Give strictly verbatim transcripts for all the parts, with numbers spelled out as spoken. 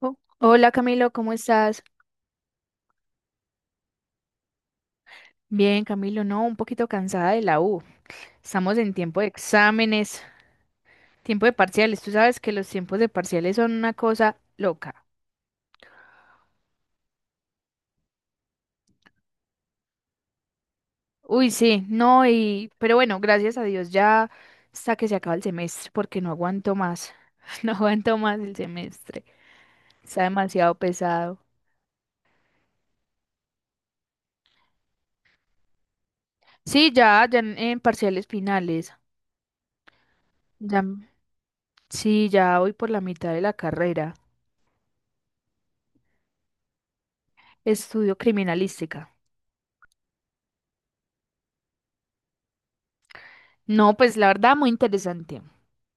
Oh, hola Camilo, ¿cómo estás? Bien, Camilo, no, un poquito cansada de la U. Estamos en tiempo de exámenes, tiempo de parciales. Tú sabes que los tiempos de parciales son una cosa loca. Uy, sí, no, y pero bueno, gracias a Dios ya hasta que se acaba el semestre, porque no aguanto más. No aguanto más el semestre. Está demasiado pesado. Sí, ya, ya en, en parciales finales. Ya, sí, ya voy por la mitad de la carrera. Estudio criminalística. No, pues la verdad, muy interesante.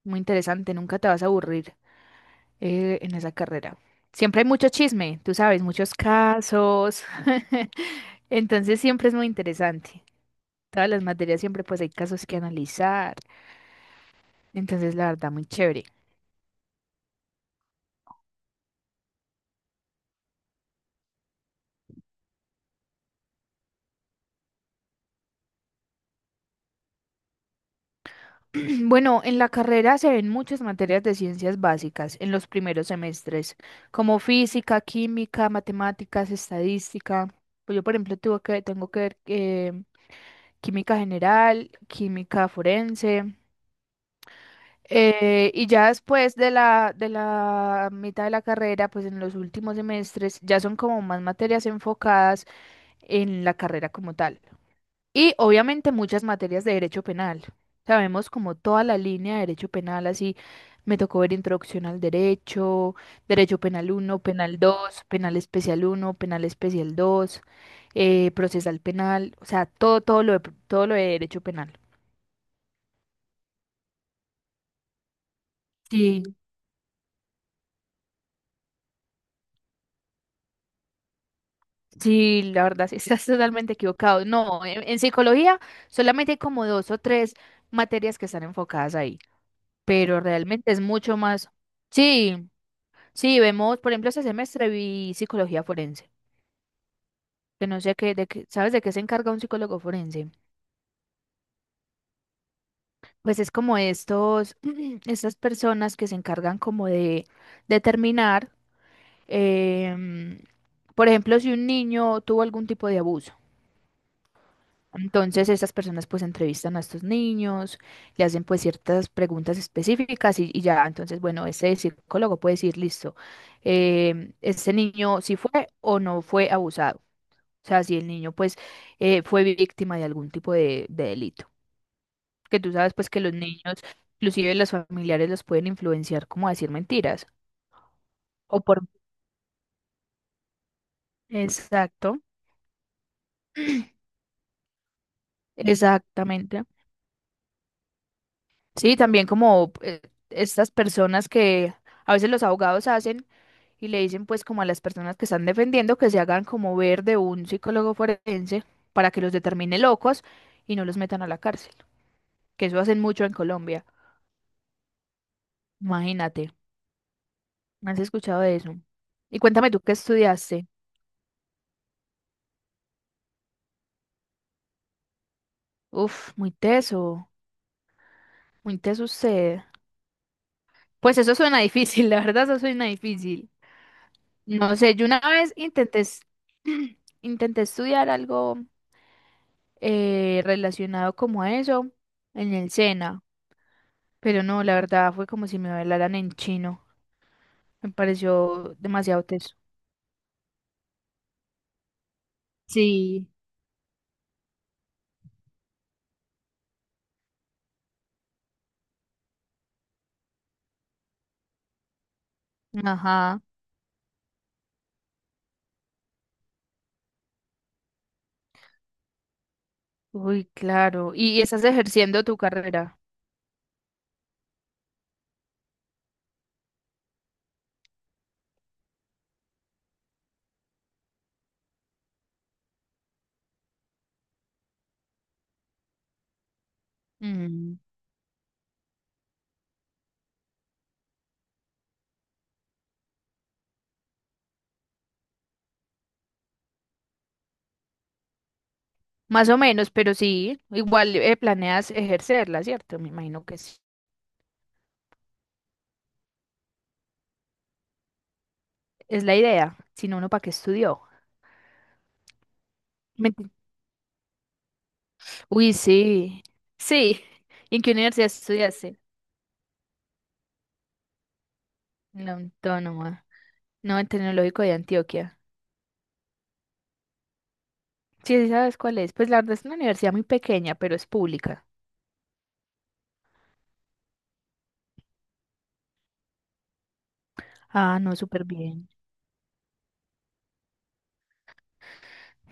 Muy interesante, nunca te vas a aburrir eh, en esa carrera. Siempre hay mucho chisme, tú sabes, muchos casos. Entonces siempre es muy interesante. Todas las materias siempre pues hay casos que analizar. Entonces la verdad, muy chévere. Bueno, en la carrera se ven muchas materias de ciencias básicas en los primeros semestres, como física, química, matemáticas, estadística. Pues yo, por ejemplo, tuve que, tengo que ver química general, química forense. Eh, y ya después de la, de la mitad de la carrera, pues en los últimos semestres ya son como más materias enfocadas en la carrera como tal. Y obviamente muchas materias de derecho penal. Sabemos como toda la línea de derecho penal, así me tocó ver introducción al derecho, derecho penal uno, penal dos, penal especial uno, penal especial dos, eh, procesal penal, o sea, todo, todo lo de- todo lo de derecho penal. Sí, sí, la verdad, sí, estás totalmente equivocado. No, en, en psicología solamente hay como dos o tres materias que están enfocadas ahí, pero realmente es mucho más. Sí, sí, vemos, por ejemplo, este semestre vi psicología forense, que no sé qué, de qué, ¿sabes de qué se encarga un psicólogo forense? Pues es como estos, estas personas que se encargan como de determinar, em, por ejemplo, si un niño tuvo algún tipo de abuso. Entonces, estas personas pues entrevistan a estos niños, le hacen pues ciertas preguntas específicas y, y ya, entonces, bueno, ese psicólogo puede decir, listo, eh, este niño si fue o no fue abusado, o sea, si el niño pues eh, fue víctima de algún tipo de, de delito, que tú sabes pues que los niños, inclusive los familiares los pueden influenciar como a decir mentiras o por... Exacto, exactamente. Sí, también como eh, estas personas que a veces los abogados hacen y le dicen pues como a las personas que están defendiendo que se hagan como ver de un psicólogo forense para que los determine locos y no los metan a la cárcel, que eso hacen mucho en Colombia. Imagínate, ¿has escuchado de eso? Y cuéntame tú qué estudiaste. Uf, muy teso, muy teso usted. Pues eso suena difícil, la verdad eso suena difícil. No sé, yo una vez intenté, es- intenté estudiar algo eh, relacionado como a eso en el SENA. Pero no, la verdad fue como si me hablaran en chino. Me pareció demasiado teso. Sí. Ajá. Uy, claro. ¿Y estás ejerciendo tu carrera? Mm, más o menos, pero sí. Igual eh, planeas ejercerla, ¿cierto? Me imagino que sí. Es la idea. Si no, uno para qué estudió. Me enti- Uy, sí. Sí. ¿Y ¿en qué universidad estudiaste? En la Autónoma. No, en Tecnológico de Antioquia. Sí, sí sabes cuál es. Pues la verdad es una universidad muy pequeña, pero es pública. Ah, no, súper bien.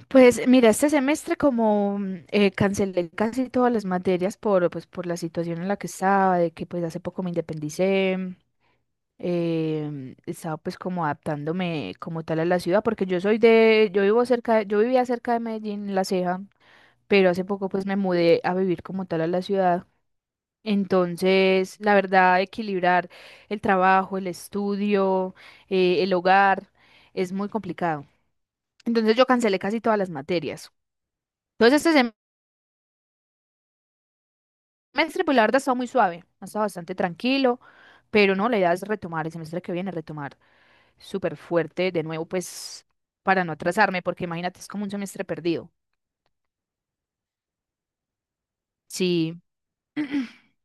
Pues mira, este semestre como mm, eh, cancelé casi todas las materias por, pues, por la situación en la que estaba, de que pues hace poco me independicé, eh, estaba pues como adaptándome como tal a la ciudad, porque yo soy de, yo vivo cerca, de- yo vivía cerca de Medellín, La Ceja, pero hace poco pues me mudé a vivir como tal a la ciudad. Entonces, la verdad, equilibrar el trabajo, el estudio, eh, el hogar, es muy complicado. Entonces yo cancelé casi todas las materias. Entonces, este semestre, pues la verdad, ha estado muy suave, ha estado bastante tranquilo, pero no, la idea es retomar el semestre que viene, retomar súper fuerte de nuevo, pues para no atrasarme, porque imagínate, es como un semestre perdido. Sí,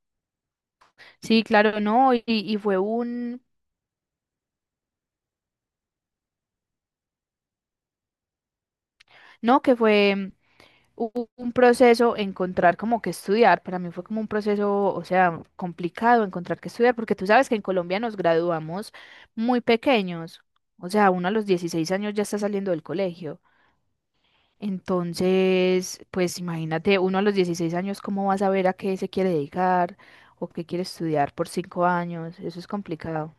sí, claro, no, y, y fue un, no, que fue u- un proceso encontrar como que estudiar, para mí fue como un proceso, o sea, complicado encontrar que estudiar, porque tú sabes que en Colombia nos graduamos muy pequeños, o sea, uno a los dieciséis años ya está saliendo del colegio. Entonces, pues imagínate, uno a los dieciséis años, ¿cómo vas a ver a qué se quiere dedicar o qué quiere estudiar por cinco años? Eso es complicado.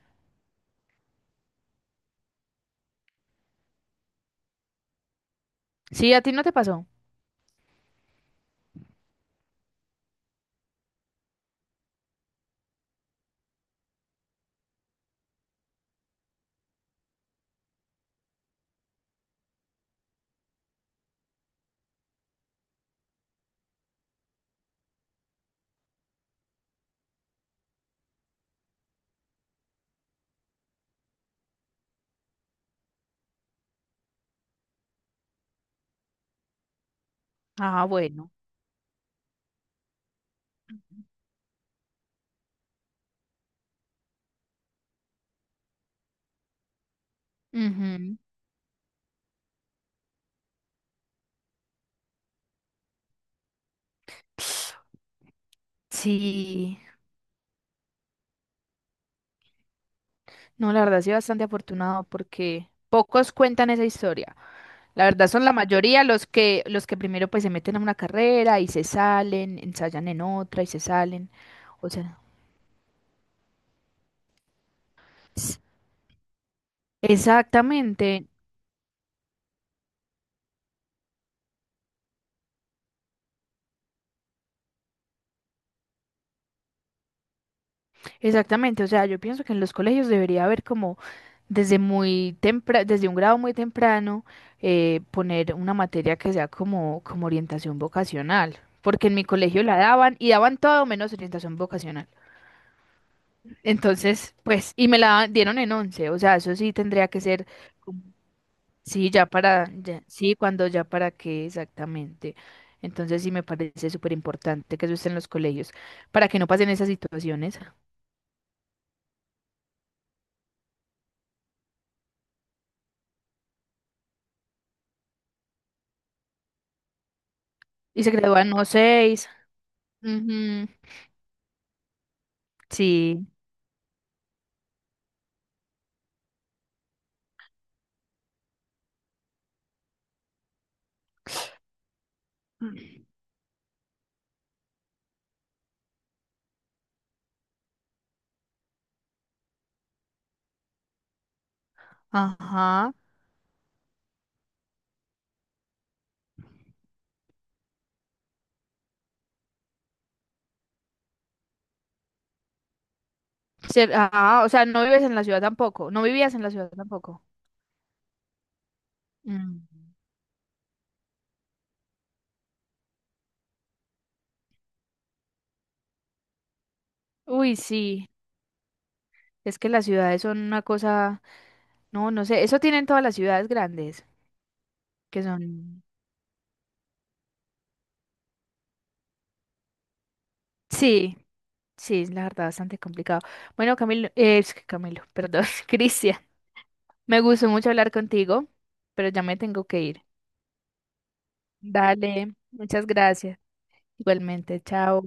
Sí, a ti no te pasó. Ah, bueno. Ujú. Sí, no, la verdad sí bastante afortunado porque pocos cuentan esa historia. La verdad son la mayoría los que los que primero pues se meten a una carrera y se salen, ensayan en otra y se salen. O sea, s- exactamente. Exactamente, o sea, yo pienso que en los colegios debería haber como desde muy temprano, desde un grado muy temprano, eh, poner una materia que sea como, como orientación vocacional, porque en mi colegio la daban y daban todo menos orientación vocacional. Entonces, pues, y me la daban- dieron en once, o sea, eso sí tendría que ser, como- sí, ya para, ya- sí, cuando ya para qué exactamente. Entonces sí me parece súper importante que eso esté en los colegios, para que no pasen esas situaciones. Y se gradúan no seis. Ujú, sí. Ajá. Ser- ah, o sea, no vives en la ciudad tampoco. No vivías en la ciudad tampoco. Mm. Uy, sí. Es que las ciudades son una cosa. No, no sé. Eso tienen todas las ciudades grandes, que son. Sí, sí, es la verdad, bastante complicado. Bueno, Camilo, eh, es que Camilo, perdón, Cristian. Me gustó mucho hablar contigo, pero ya me tengo que ir. Dale, muchas gracias. Igualmente, chao.